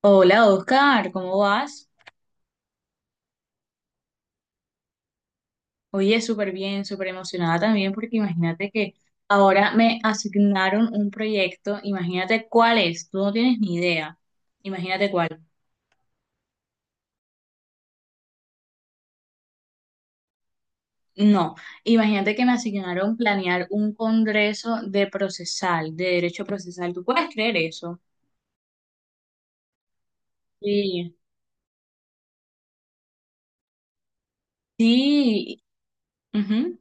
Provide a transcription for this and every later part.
Hola Oscar, ¿cómo vas? Oye, súper bien, súper emocionada también porque imagínate que ahora me asignaron un proyecto, imagínate cuál es, tú no tienes ni idea, imagínate cuál, no, imagínate que me asignaron planear un congreso de procesal, de derecho procesal, ¿tú puedes creer eso? Sí. Sí, ujú.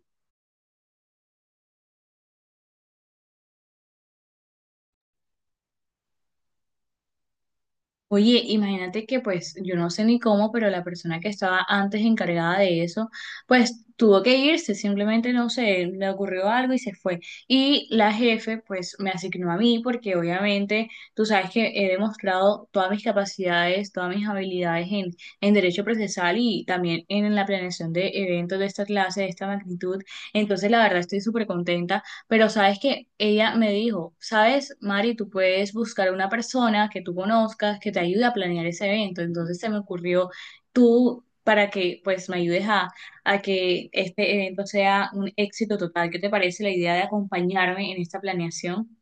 Oye, imagínate que pues yo no sé ni cómo, pero la persona que estaba antes encargada de eso, pues tuvo que irse, simplemente no sé, le ocurrió algo y se fue. Y la jefe pues me asignó a mí porque obviamente tú sabes que he demostrado todas mis capacidades, todas mis habilidades en derecho procesal y también en la planeación de eventos de esta clase, de esta magnitud. Entonces la verdad estoy súper contenta, pero sabes que ella me dijo, sabes, Mari, tú puedes buscar a una persona que tú conozcas que te ayude a planear ese evento. Entonces se me ocurrió tú para que pues me ayudes a que este evento sea un éxito total. ¿Qué te parece la idea de acompañarme en esta planeación?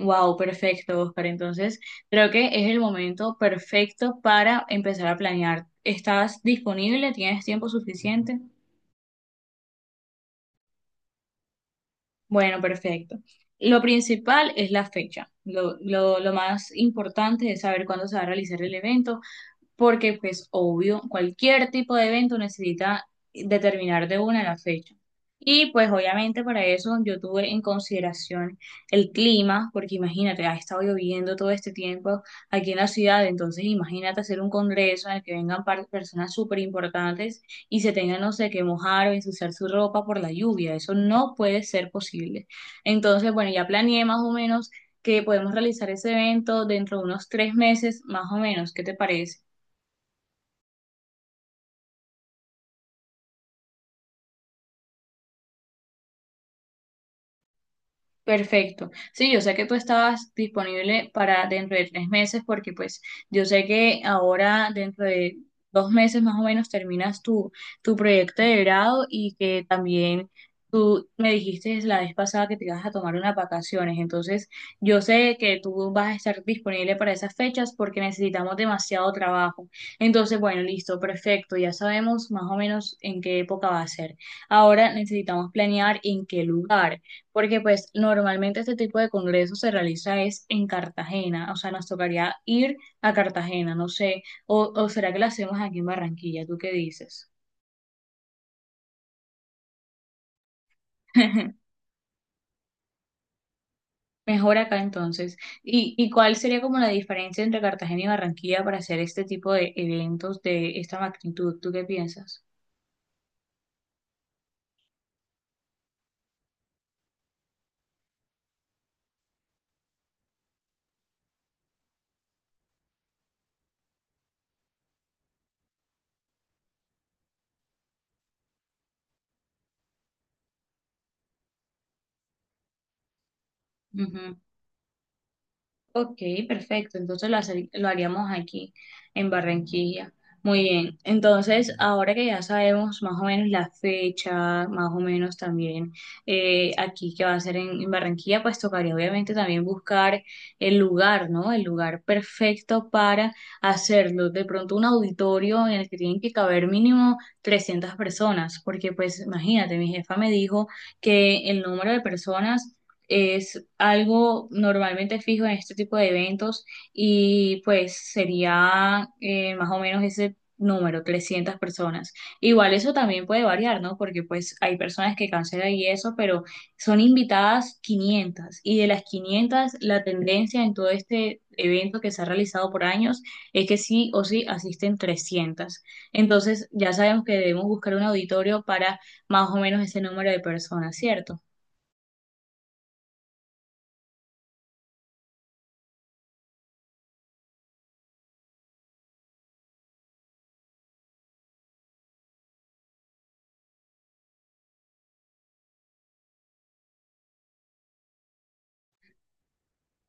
Wow, perfecto, Oscar. Entonces creo que es el momento perfecto para empezar a planear. ¿Estás disponible? ¿Tienes tiempo suficiente? Bueno, perfecto. Lo principal es la fecha. Lo más importante es saber cuándo se va a realizar el evento, porque pues obvio, cualquier tipo de evento necesita determinar de una la fecha. Y pues obviamente para eso yo tuve en consideración el clima, porque imagínate, ha estado lloviendo todo este tiempo aquí en la ciudad, entonces imagínate hacer un congreso en el que vengan personas súper importantes y se tengan, no sé, que mojar o ensuciar su ropa por la lluvia, eso no puede ser posible. Entonces, bueno, ya planeé más o menos que podemos realizar ese evento dentro de unos 3 meses, más o menos, ¿qué te parece? Perfecto. Sí, yo sé que tú estabas disponible para dentro de 3 meses, porque pues yo sé que ahora dentro de 2 meses más o menos terminas tu proyecto de grado y que también tú me dijiste la vez pasada que te ibas a tomar unas vacaciones. Entonces yo sé que tú vas a estar disponible para esas fechas porque necesitamos demasiado trabajo. Entonces, bueno, listo, perfecto. Ya sabemos más o menos en qué época va a ser. Ahora necesitamos planear en qué lugar. Porque pues normalmente este tipo de congresos se realiza es en Cartagena, o sea, nos tocaría ir a Cartagena, no sé, o será que lo hacemos aquí en Barranquilla, ¿tú qué dices? Mejor acá entonces. Y cuál sería como la diferencia entre Cartagena y Barranquilla para hacer este tipo de eventos de esta magnitud? ¿Tú qué piensas? Ok, perfecto. Entonces lo haríamos aquí en Barranquilla. Muy bien. Entonces, ahora que ya sabemos más o menos la fecha, más o menos también aquí que va a ser en Barranquilla, pues tocaría obviamente también buscar el lugar, ¿no? El lugar perfecto para hacerlo. De pronto un auditorio en el que tienen que caber mínimo 300 personas, porque pues imagínate, mi jefa me dijo que el número de personas es algo normalmente fijo en este tipo de eventos y pues sería más o menos ese número, 300 personas. Igual eso también puede variar, ¿no? Porque pues hay personas que cancelan y eso, pero son invitadas 500 y de las 500 la tendencia en todo este evento que se ha realizado por años es que sí o sí asisten 300. Entonces ya sabemos que debemos buscar un auditorio para más o menos ese número de personas, ¿cierto?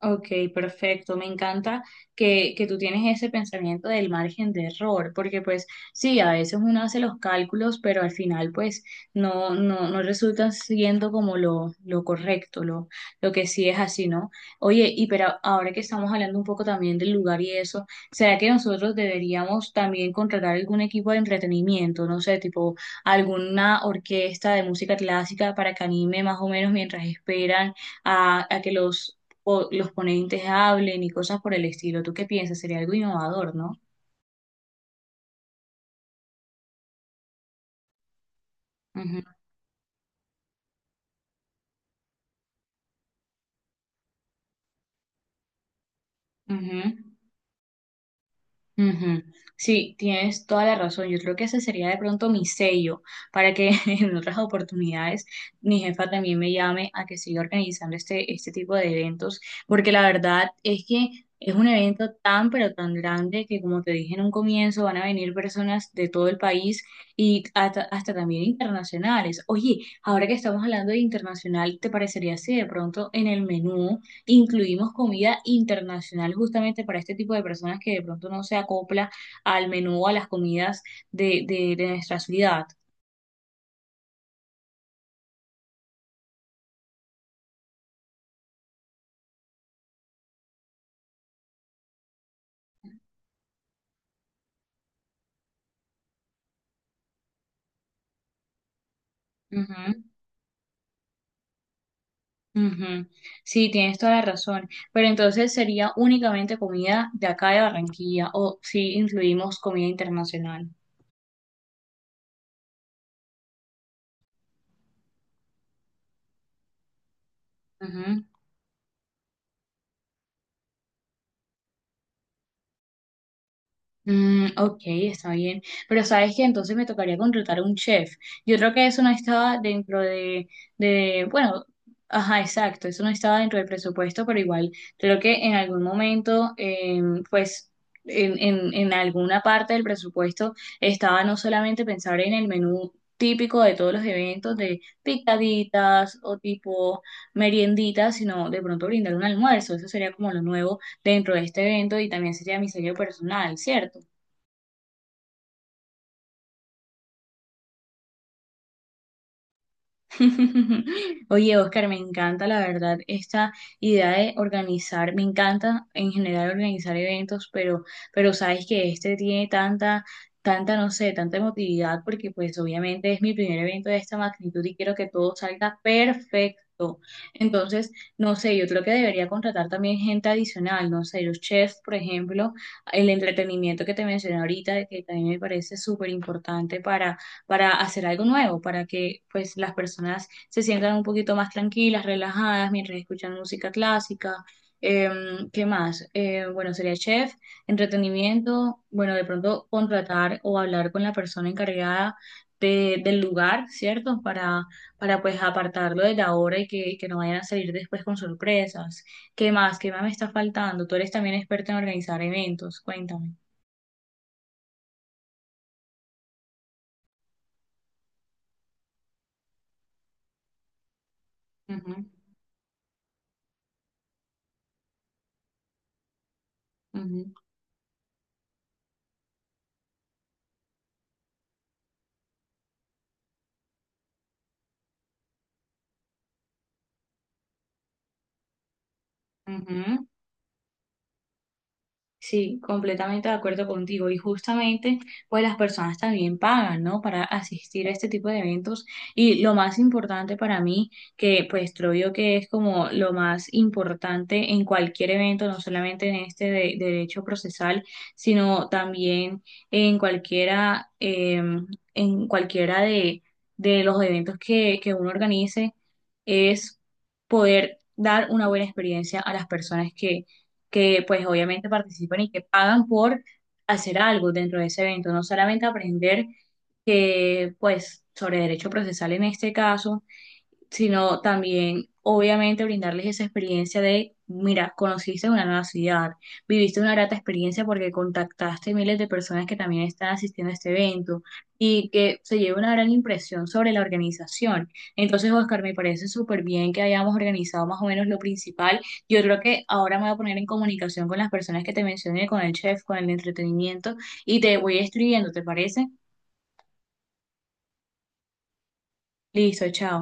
Ok, perfecto. Me encanta que tú tienes ese pensamiento del margen de error, porque pues sí, a veces uno hace los cálculos, pero al final pues no, no, no resulta siendo como lo correcto, lo que sí es así, ¿no? Oye, y pero ahora que estamos hablando un poco también del lugar y eso, ¿será que nosotros deberíamos también contratar algún equipo de entretenimiento, no sé, tipo alguna orquesta de música clásica para que anime más o menos mientras esperan? A que los o los ponentes hablen y cosas por el estilo. ¿Tú qué piensas? Sería algo innovador, ¿no? Ujú, ujú. Ujú. Sí, tienes toda la razón. Yo creo que ese sería de pronto mi sello para que en otras oportunidades mi jefa también me llame a que siga organizando este tipo de eventos, porque la verdad es que es un evento tan pero tan grande que como te dije en un comienzo van a venir personas de todo el país y hasta también internacionales. Oye, ahora que estamos hablando de internacional, ¿te parecería si de pronto en el menú incluimos comida internacional justamente para este tipo de personas que de pronto no se acopla al menú o a las comidas de nuestra ciudad. Ujú, ujú. Sí, tienes toda la razón, pero entonces sería únicamente comida de acá de Barranquilla o si incluimos comida internacional. Mm, ok, está bien. Pero sabes que entonces me tocaría contratar a un chef. Yo creo que eso no estaba dentro de, bueno, ajá, exacto, eso no estaba dentro del presupuesto, pero igual creo que en algún momento, pues, en, en alguna parte del presupuesto estaba no solamente pensar en el menú típico de todos los eventos, de picaditas o tipo merienditas, sino de pronto brindar un almuerzo. Eso sería como lo nuevo dentro de este evento y también sería mi sello personal, ¿cierto? Oye, Oscar, me encanta la verdad esta idea de organizar, me encanta en general organizar eventos, pero sabes que este tiene tanta, tanta, no sé, tanta emotividad, porque pues obviamente es mi primer evento de esta magnitud y quiero que todo salga perfecto. Entonces, no sé, yo creo que debería contratar también gente adicional, no sé, los chefs, por ejemplo, el entretenimiento que te mencioné ahorita, que también me parece súper importante para hacer algo nuevo, para que pues las personas se sientan un poquito más tranquilas, relajadas mientras escuchan música clásica. Eh, ¿Qué más? Bueno, sería chef, entretenimiento, bueno, de pronto contratar o hablar con la persona encargada del lugar, ¿cierto? Para pues apartarlo de la hora y que no vayan a salir después con sorpresas. ¿Qué más? ¿Qué más me está faltando? Tú eres también experta en organizar eventos, cuéntame. Ujú, ujú, ujú. Sí, completamente de acuerdo contigo. Y justamente, pues las personas también pagan, ¿no? Para asistir a este tipo de eventos. Y lo más importante para mí, que pues creo yo que es como lo más importante en cualquier evento, no solamente en este de derecho procesal, sino también en cualquiera, eh, en cualquiera de los eventos que uno organice, es poder dar una buena experiencia a las personas que pues obviamente participan y que pagan por hacer algo dentro de ese evento, no solamente aprender que pues sobre derecho procesal en este caso, sino también, obviamente, brindarles esa experiencia de, mira, conociste una nueva ciudad, viviste una grata experiencia porque contactaste miles de personas que también están asistiendo a este evento y que se lleva una gran impresión sobre la organización. Entonces, Oscar, me parece súper bien que hayamos organizado más o menos lo principal. Yo creo que ahora me voy a poner en comunicación con las personas que te mencioné, con el chef, con el entretenimiento y te voy escribiendo, ¿te parece? Listo, chao.